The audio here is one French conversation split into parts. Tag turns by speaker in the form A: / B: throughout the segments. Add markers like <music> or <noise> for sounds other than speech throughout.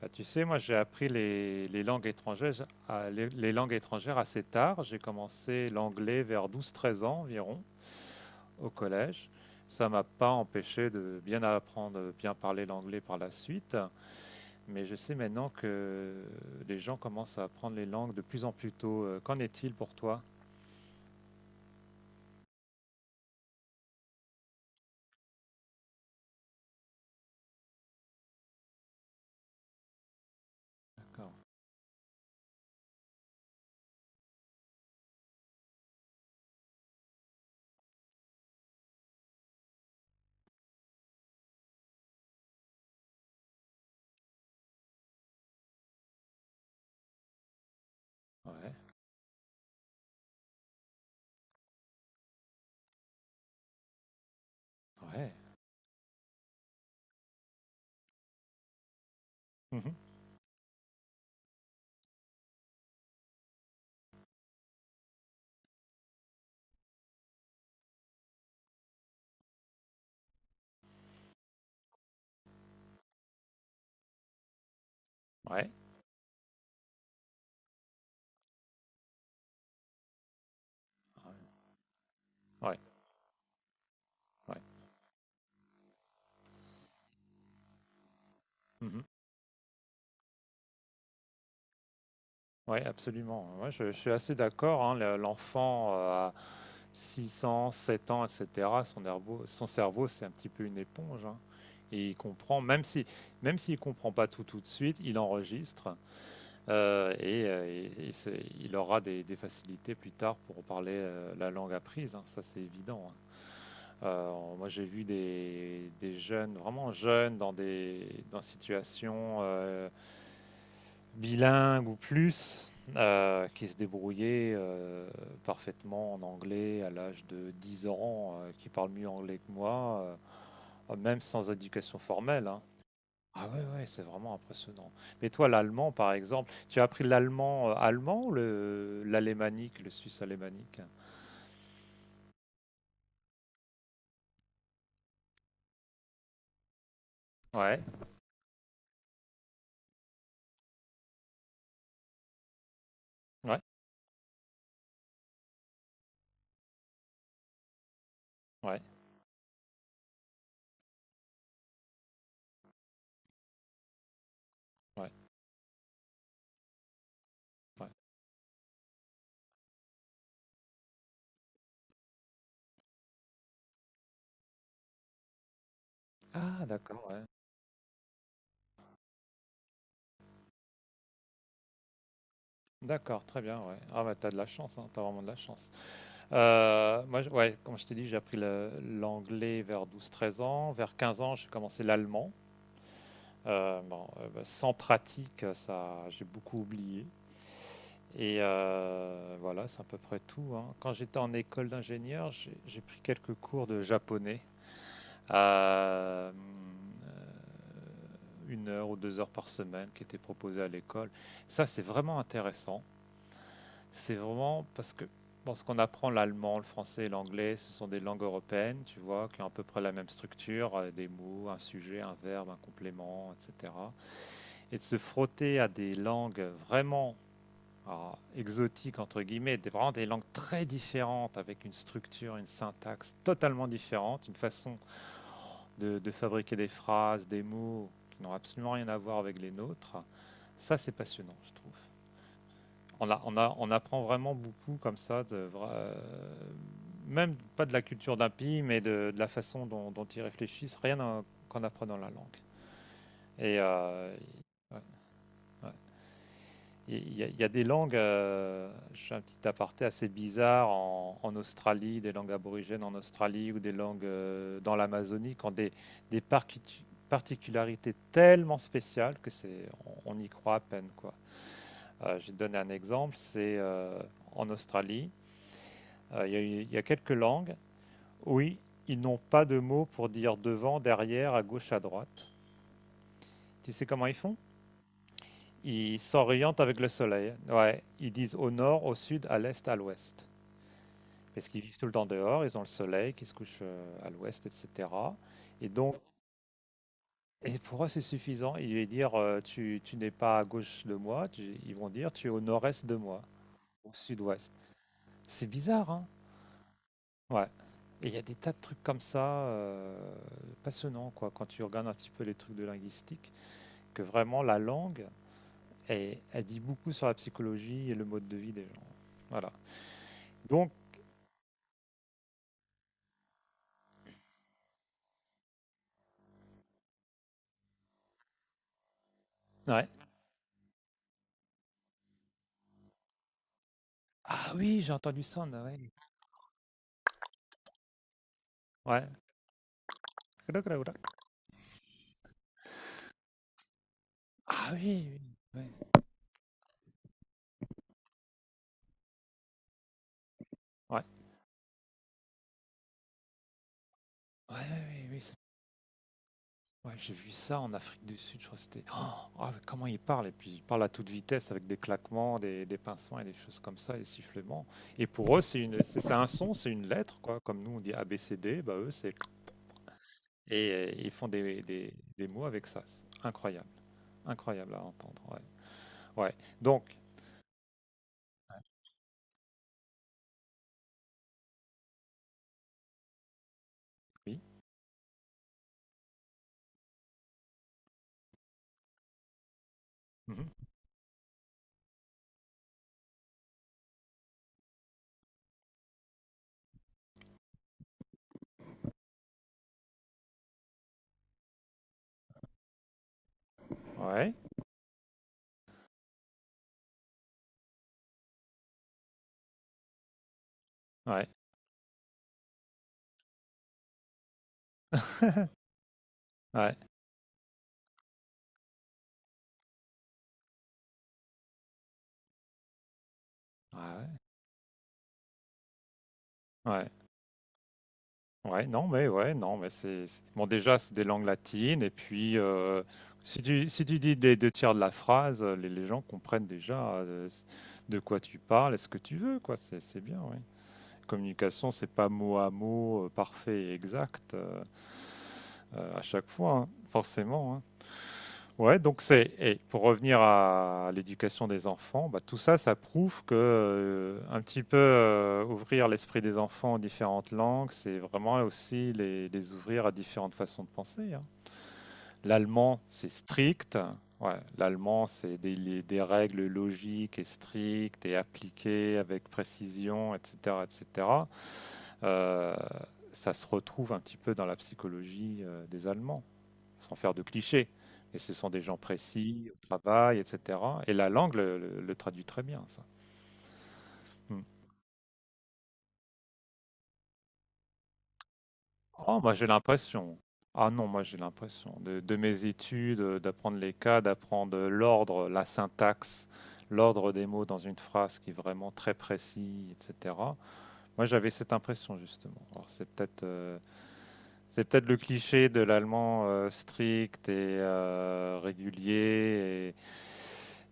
A: Bah, tu sais, moi j'ai appris les langues étrangères, les langues étrangères assez tard. J'ai commencé l'anglais vers 12 13 ans environ au collège. Ça m'a pas empêché de bien apprendre, bien parler l'anglais par la suite. Mais je sais maintenant que les gens commencent à apprendre les langues de plus en plus tôt. Qu'en est-il pour toi? D'accord. Ouais, ouais. Mhm. Ouais, ouais, ouais. Ouais. Mhm. Oui, absolument. Moi, je suis assez d'accord, hein, l'enfant à 6 ans, 7 ans, etc., son cerveau, c'est un petit peu une éponge, hein. Et il comprend, même s'il comprend pas tout tout de suite, il enregistre et il aura des facilités plus tard pour parler la langue apprise, hein. Ça, c'est évident, hein. Euh, Moi, j'ai vu des jeunes, vraiment jeunes, dans des dans situations, bilingues ou plus qui se débrouillaient parfaitement en anglais à l'âge de 10 ans, qui parlent mieux anglais que moi, même sans éducation formelle, hein. Ah, ouais, ouais, c'est vraiment impressionnant. Mais toi, l'allemand, par exemple, tu as appris l'allemand allemand ou l'alémanique, le suisse alémanique? Ouais, ouais, ouais, ouais, ouais. Ah, d'accord, ouais. D'accord, très bien, ouais. Ah, bah, t'as de la chance, hein, t'as vraiment de la chance. Moi, ouais, comme je t'ai dit, j'ai appris l'anglais vers 12, 13 ans. Vers 15 ans, j'ai commencé l'allemand. Bon, bah, sans pratique, ça, j'ai beaucoup oublié. Et voilà, c'est à peu près tout, hein. Quand j'étais en école d'ingénieur, j'ai pris quelques cours de japonais. Euh, 1 heure ou 2 heures par semaine qui étaient proposés à l'école. Ça, c'est vraiment intéressant. C'est vraiment parce que bon, ce qu'on apprend, l'allemand, le français et l'anglais, ce sont des langues européennes, tu vois, qui ont à peu près la même structure, des mots, un sujet, un verbe, un complément, etc. Et de se frotter à des langues vraiment alors, exotiques, entre guillemets, vraiment des langues très différentes, avec une structure, une syntaxe totalement différente, une façon de fabriquer des phrases, des mots qui n'ont absolument rien à voir avec les nôtres, ça, c'est passionnant, je trouve. On apprend vraiment beaucoup comme ça, même pas de la culture d'un pays, mais de la façon dont ils réfléchissent, rien qu'en apprenant la langue. Et ouais, ouais. Il y a des langues, je un petit aparté assez bizarre, en Australie, des langues aborigènes en Australie ou des langues dans l'Amazonie qui ont des particularités tellement spéciales que on y croit à peine, quoi. Je vais te donner un exemple, c'est en Australie. Il y a quelques langues. Oui, ils n'ont pas de mots pour dire devant, derrière, à gauche, à droite. Tu sais comment ils font? Ils s'orientent avec le soleil. Ouais, ils disent au nord, au sud, à l'est, à l'ouest. Parce qu'ils vivent tout le temps dehors, ils ont le soleil qui se couche à l'ouest, etc. Et donc, et pour eux, c'est suffisant. Ils vont dire, tu n'es pas à gauche de moi. Ils vont dire, tu es au nord-est de moi, au sud-ouest. C'est bizarre, hein? Ouais. Et il y a des tas de trucs comme ça, passionnants, quoi, quand tu regardes un petit peu les trucs de linguistique, que vraiment la langue, elle dit beaucoup sur la psychologie et le mode de vie des gens. Voilà. Donc ouais. Ah oui, j'ai entendu ça ouais Ouais. Ah oui, oui, ouais. Ouais. Ouais, ouais, oui, oui, Ouais, j'ai vu ça en Afrique du Sud, je crois que c'était Oh, ah, mais comment il parle et puis il parle à toute vitesse avec des claquements, des pincements et des choses comme ça, des sifflements. Et pour eux, c'est une, c'est un son, c'est une lettre quoi. Comme nous on dit ABCD, bah eux c'est et ils font des mots avec ça. C'est incroyable, incroyable à entendre. Ouais. Ouais. Donc oui. Mhm. Ouais. Ouais. <laughs> Ouais. Ouais. Ouais. Ouais. Ouais, non, mais bon. Déjà, c'est des langues latines, et puis si tu dis des deux tiers de la phrase, les gens comprennent déjà de quoi tu parles et ce que tu veux, quoi. C'est bien, oui. Communication, c'est pas mot à mot parfait et exact à chaque fois, hein, forcément, hein. Ouais, donc et pour revenir à l'éducation des enfants, bah, tout ça, ça prouve que un petit peu ouvrir l'esprit des enfants aux différentes langues, c'est vraiment aussi les ouvrir à différentes façons de penser, hein. L'allemand, c'est strict. Ouais, l'allemand, c'est des règles logiques et strictes et appliquées avec précision, etc., etc. Euh, Ça se retrouve un petit peu dans la psychologie des Allemands sans faire de clichés. Et ce sont des gens précis, au travail, etc. Et la langue le traduit très bien, ça. Hmm. Oh, moi j'ai l'impression. Ah non, moi j'ai l'impression de mes études, d'apprendre les cas, d'apprendre l'ordre, la syntaxe, l'ordre des mots dans une phrase qui est vraiment très précis, etc. Moi, j'avais cette impression justement. Alors, c'est peut-être le cliché de l'allemand strict et régulier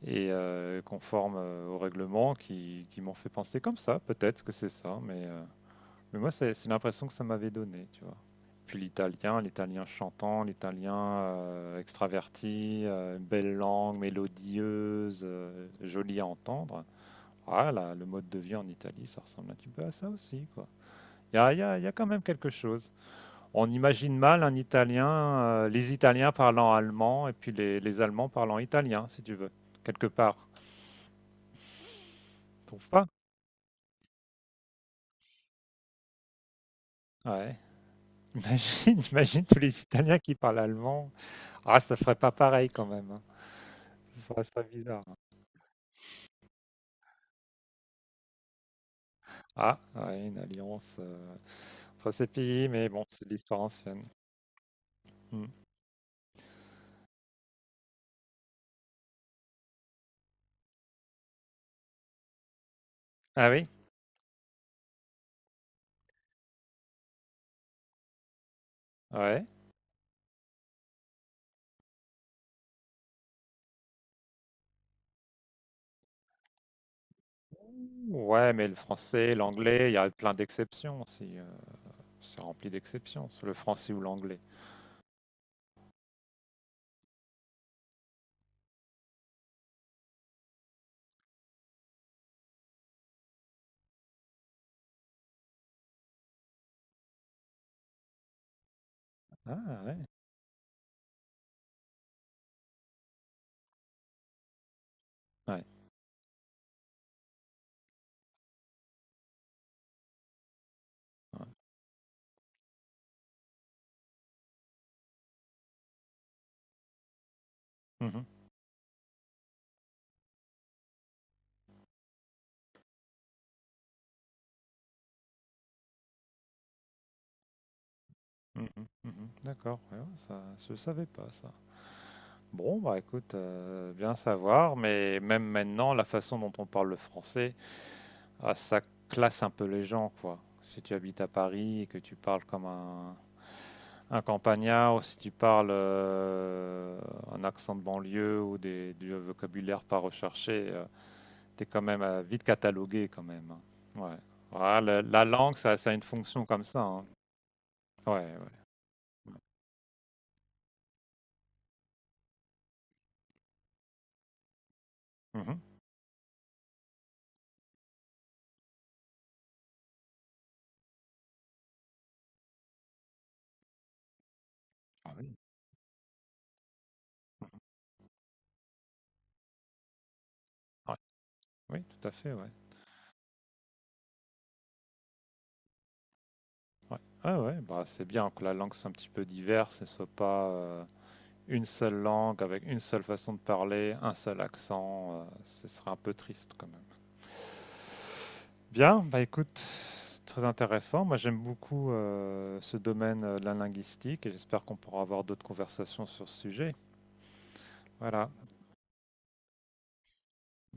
A: et, et conforme au règlement qui m'ont fait penser comme ça. Peut-être que c'est ça, mais moi, c'est l'impression que ça m'avait donné, tu vois. Puis l'italien, l'italien chantant, l'italien extraverti, belle langue, mélodieuse, jolie à entendre. Ah là, le mode de vie en Italie, ça ressemble un petit peu à ça aussi, quoi. Il y a, il y a- il y a quand même quelque chose. On imagine mal les Italiens parlant allemand et puis les Allemands parlant italien, si tu veux, quelque part. Tu trouves pas? Ouais. <laughs> Imagine, imagine tous les Italiens qui parlent allemand. Ah, ça serait pas pareil quand même, hein. Ça serait bizarre, hein. Ah, ouais, une alliance entre ces pays, mais bon, c'est de l'histoire ancienne. Hmm. Ah oui? Ouais. Ouais, mais le français, l'anglais, il y a plein d'exceptions aussi. C'est rempli d'exceptions, le français ou l'anglais. Ah, ouais. Ouais. Ouais. Mhm, mhm, mhm. D'accord, ouais, ouais, ça, je savais pas ça. Bon, bah écoute, bien savoir, mais même maintenant, la façon dont on parle le français, ah, ça classe un peu les gens, quoi. Si tu habites à Paris et que tu parles comme un campagnard, ou si tu parles un accent de banlieue ou du vocabulaire pas recherché, t'es quand même vite catalogué quand même, hein. Ouais. Voilà, la langue, ça a une fonction comme ça, hein. Ouais, ouais, mmh. Mmh. Ah oui. Ouais. Oui, tout à fait, ouais. Ouais. Ouais, ouais, bah, c'est bien que la langue soit un petit peu diverse et soit pas, une seule langue avec une seule façon de parler, un seul accent, ce serait un peu triste quand même. Bien, bah, écoute, c'est très intéressant. Moi, j'aime beaucoup, ce domaine, de la linguistique et j'espère qu'on pourra avoir d'autres conversations sur ce sujet. Voilà.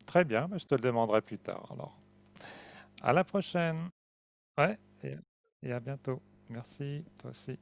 A: Très bien, bah, je te le demanderai plus tard alors. À la prochaine. Ouais et à bientôt. Merci, toi aussi.